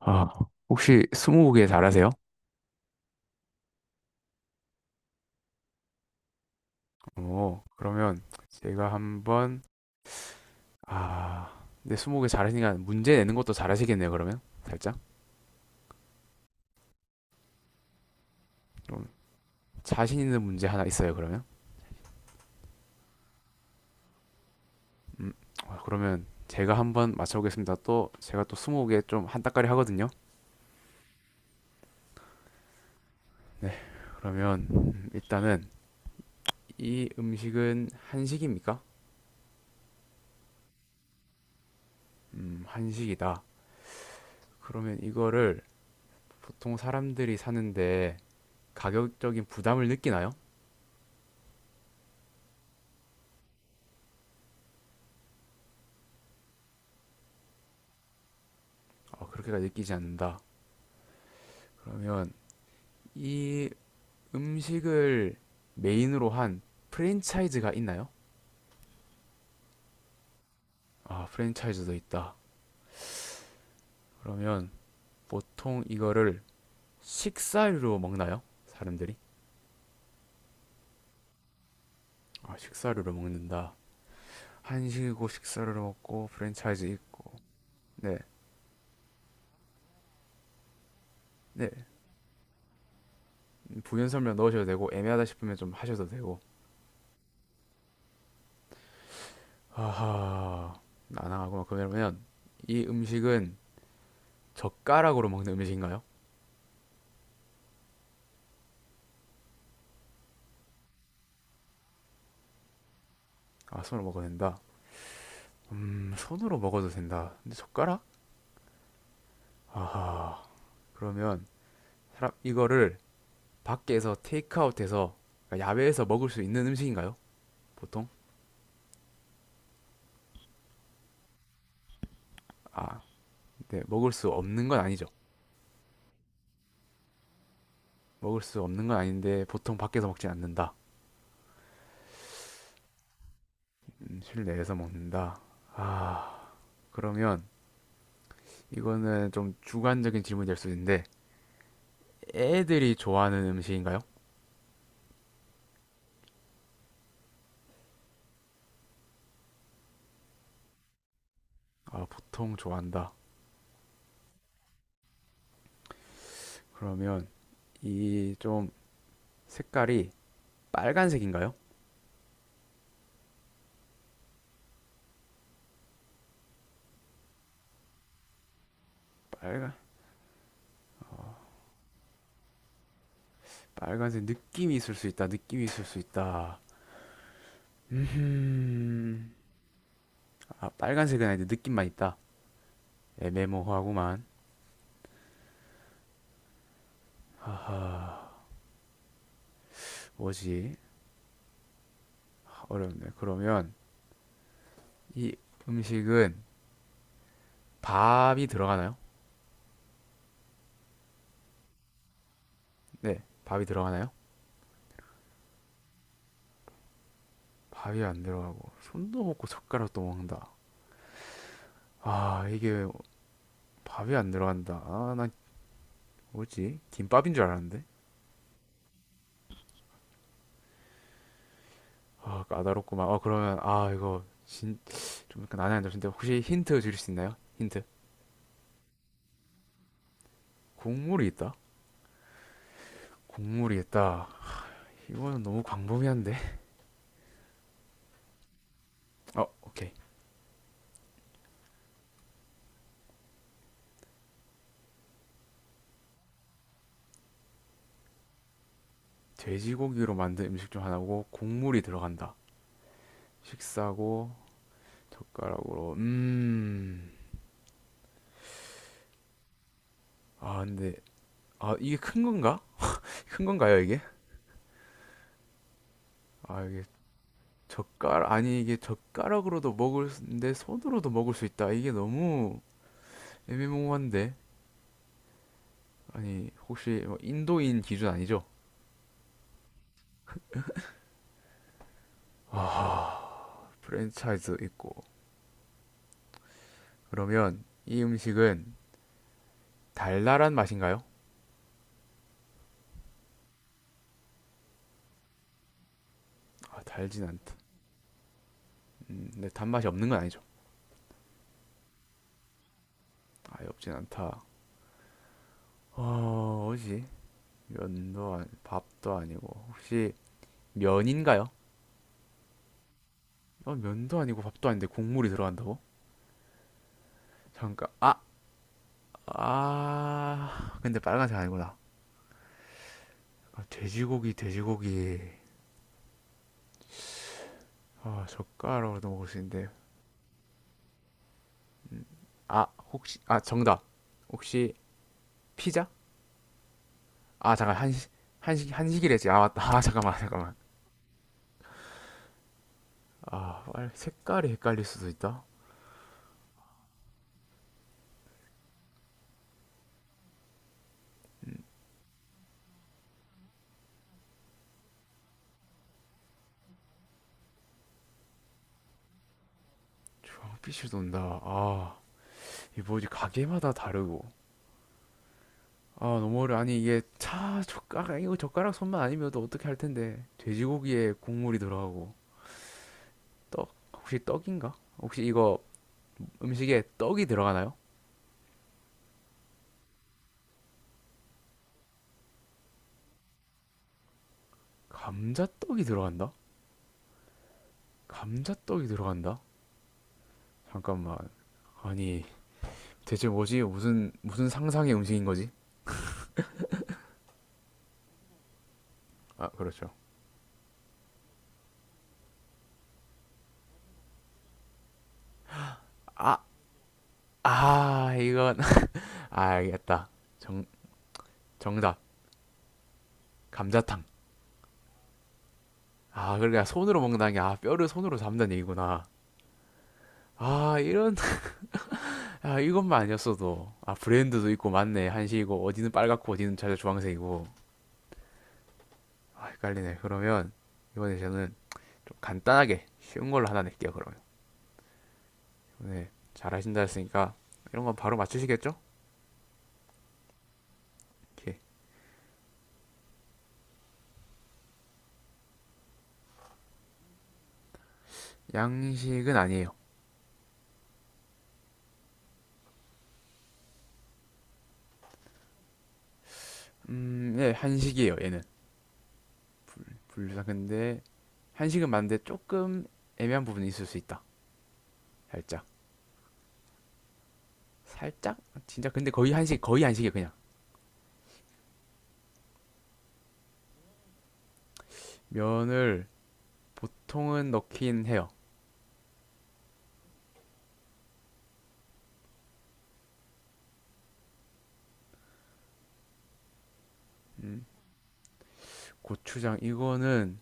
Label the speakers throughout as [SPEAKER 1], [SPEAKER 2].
[SPEAKER 1] 아, 혹시 스무고개 잘하세요? 어, 그러면 제가 한번 아, 근데 스무고개 잘하시니까 문제 내는 것도 잘하시겠네요. 그러면 살짝 좀 자신 있는 문제 하나 있어요. 그러면 아, 그러면 제가 한번 맞춰보겠습니다. 또 제가 또 스무고개 좀 한따까리 하거든요. 그러면 일단은 이 음식은 한식입니까? 한식이다. 그러면 이거를 보통 사람들이 사는데 가격적인 부담을 느끼나요? 어, 그렇게까지 느끼지 않는다. 그러면 이 음식을 메인으로 한 프랜차이즈가 있나요? 아, 프랜차이즈도 있다. 그러면 보통 이거를 식사류로 먹나요? 사람들이? 아, 식사류로 먹는다. 한식이고 식사류로 먹고 프랜차이즈 있고. 네, 네. 부연 설명 넣으셔도 되고 애매하다 싶으면 좀 하셔도 되고. 하하, 난항하구만. 그러면 이 음식은 젓가락으로 먹는 음식인가요? 아, 손으로 먹어도 된다. 손으로 먹어도 된다. 근데 젓가락? 아하. 그러면 사람 이거를 밖에서 테이크아웃해서 그러니까 야외에서 먹을 수 있는 음식인가요? 보통? 아, 네, 먹을 수 없는 건 아니죠. 먹을 수 없는 건 아닌데 보통 밖에서 먹진 않는다. 실내에서 먹는다. 아, 그러면 이거는 좀 주관적인 질문이 될 수 있는데 애들이 좋아하는 음식인가요? 아, 보통 좋아한다. 그러면 이 좀 색깔이 빨간색인가요? 빨간 빨간색 느낌이 있을 수 있다. 느낌이 있을 수 있다. 음, 아, 빨간색은 아닌데 느낌만 있다. 애매모호하구만. 뭐지? 아, 어렵네. 그러면 이 음식은 밥이 들어가나요? 네, 밥이 들어가나요? 밥이 안 들어가고 손도 먹고 젓가락도 먹는다. 아, 이게 밥이 안 들어간다. 아, 난 뭐지? 김밥인 줄 알았는데. 아, 까다롭구만. 아, 그러면 아, 이거 진, 좀 약간 난해한 점인데 혹시 힌트 주실 수 있나요? 힌트. 국물이 있다. 국물이 있다. 이거는 너무 광범위한데. 어, 오케이. 돼지고기로 만든 음식 중 하나고 국물이 들어간다. 식사고 젓가락으로 아 근데 아 이게 큰 건가? 큰 건가요 이게? 아 이게 젓가락 아니 이게 젓가락으로도 먹을 수- 내 손으로도 먹을 수 있다. 이게 너무 애매모호한데 아니 혹시 뭐 인도인 기준 아니죠? 프랜차이즈 있고 그러면 이 음식은 달달한 맛인가요? 아 달진 않다. 근데 단맛이 없는 건 아니죠. 아예 없진 않다. 어, 뭐지? 면도 아니, 밥도 아니고 혹시 면인가요? 어, 면도 아니고 밥도 아닌데 국물이 들어간다고? 잠깐 아, 아 근데 빨간색 아니구나 아, 돼지고기 아 젓가락으로도 먹을 수 있는데 아 혹시 아 정답 혹시 피자? 아 잠깐 한식 한식이랬지 아 맞다 아 잠깐만 잠깐만 아 빨- 색깔이 헷갈릴 수도 있다 주빛이 돈다 아 이 뭐지 가게마다 다르고 아, 너무 어려. 아니, 이게 차 젓가락, 이거 젓가락 손만 아니면 또 어떻게 할 텐데. 돼지고기에 국물이 들어가고, 떡, 혹시 떡인가? 혹시 이거 음식에 떡이 들어가나요? 감자떡이 들어간다? 감자떡이 들어간다? 잠깐만. 아니, 대체 뭐지? 무슨, 무슨 상상의 음식인 거지? 아, 그렇죠. 아, 이건, 아, 알겠다. 정, 정답. 감자탕. 아, 그러니까 손으로 먹는다는 게, 아, 뼈를 손으로 잡는 얘기구나. 아, 이런, 아, 이것만 아니었어도, 아, 브랜드도 있고, 맞네. 한식이고, 어디는 빨갛고, 어디는 자주 주황색이고. 아, 헷갈리네. 그러면, 이번에 저는 좀 간단하게, 쉬운 걸로 하나 낼게요, 그러면. 네, 잘하신다 했으니까, 이런 건 바로 맞추시겠죠? 오케이. 양식은 아니에요. 네, 한식이에요, 얘는. 분류상 근데, 한식은 맞는데, 조금 애매한 부분이 있을 수 있다. 살짝. 살짝? 진짜, 근데 거의 한식, 거의 한식이에요, 그냥. 면을 보통은 넣긴 해요. 음, 고추장 이거는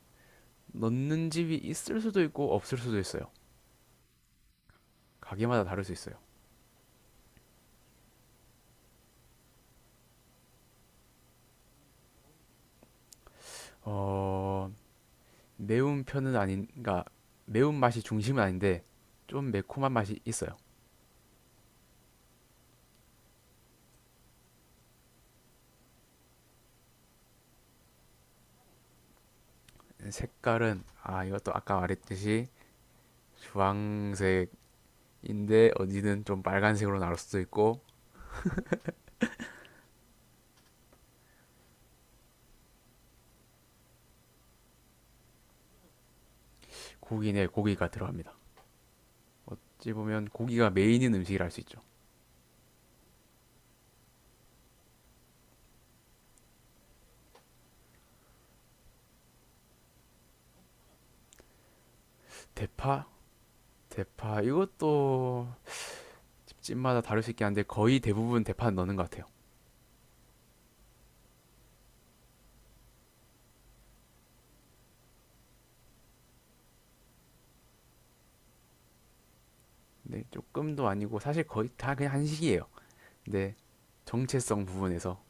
[SPEAKER 1] 넣는 집이 있을 수도 있고 없을 수도 있어요. 가게마다 다를 수 있어요. 어, 매운 편은 아닌, 그러니까 매운 맛이 중심은 아닌데 좀 매콤한 맛이 있어요. 색깔은 아 이것도 아까 말했듯이 주황색인데 어디는 좀 빨간색으로 나올 수도 있고 고기네 고기가 들어갑니다. 어찌 보면 고기가 메인인 음식이라 할 수 있죠. 대파, 대파 이것도 집집마다 다를 수 있긴 한데 거의 대부분 대파 넣는 것 같아요. 네, 조금도 아니고 사실 거의 다 그냥 한식이에요. 근데 정체성 부분에서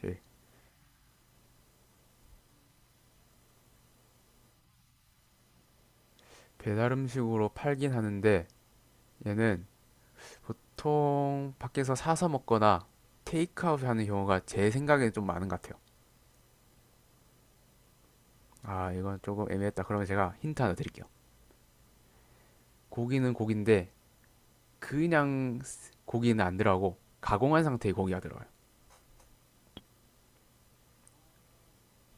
[SPEAKER 1] 이렇게 배달 음식으로 팔긴 하는데 얘는 보통 밖에서 사서 먹거나 테이크아웃 하는 경우가 제 생각에는 좀 많은 것 같아요. 아, 이건 조금 애매했다. 그러면 제가 힌트 하나 드릴게요. 고기는 고기인데 그냥 고기는 안 들어가고 가공한 상태의 고기가 들어가요.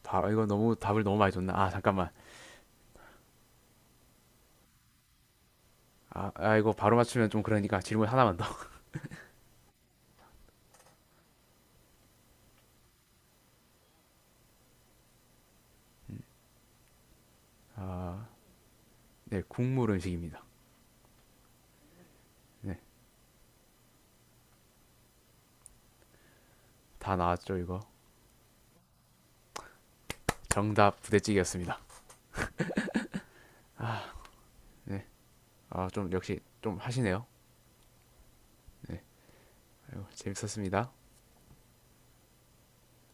[SPEAKER 1] 다 아, 이거 너무 답을 너무 많이 줬나? 아, 잠깐만. 아, 아, 이거 바로 맞추면 좀 그러니까 질문 하나만 더. 네, 국물 음식입니다. 네. 다 나왔죠 이거 정답 부대찌개였습니다 아 좀 역시 좀 하시네요 아이고, 재밌었습니다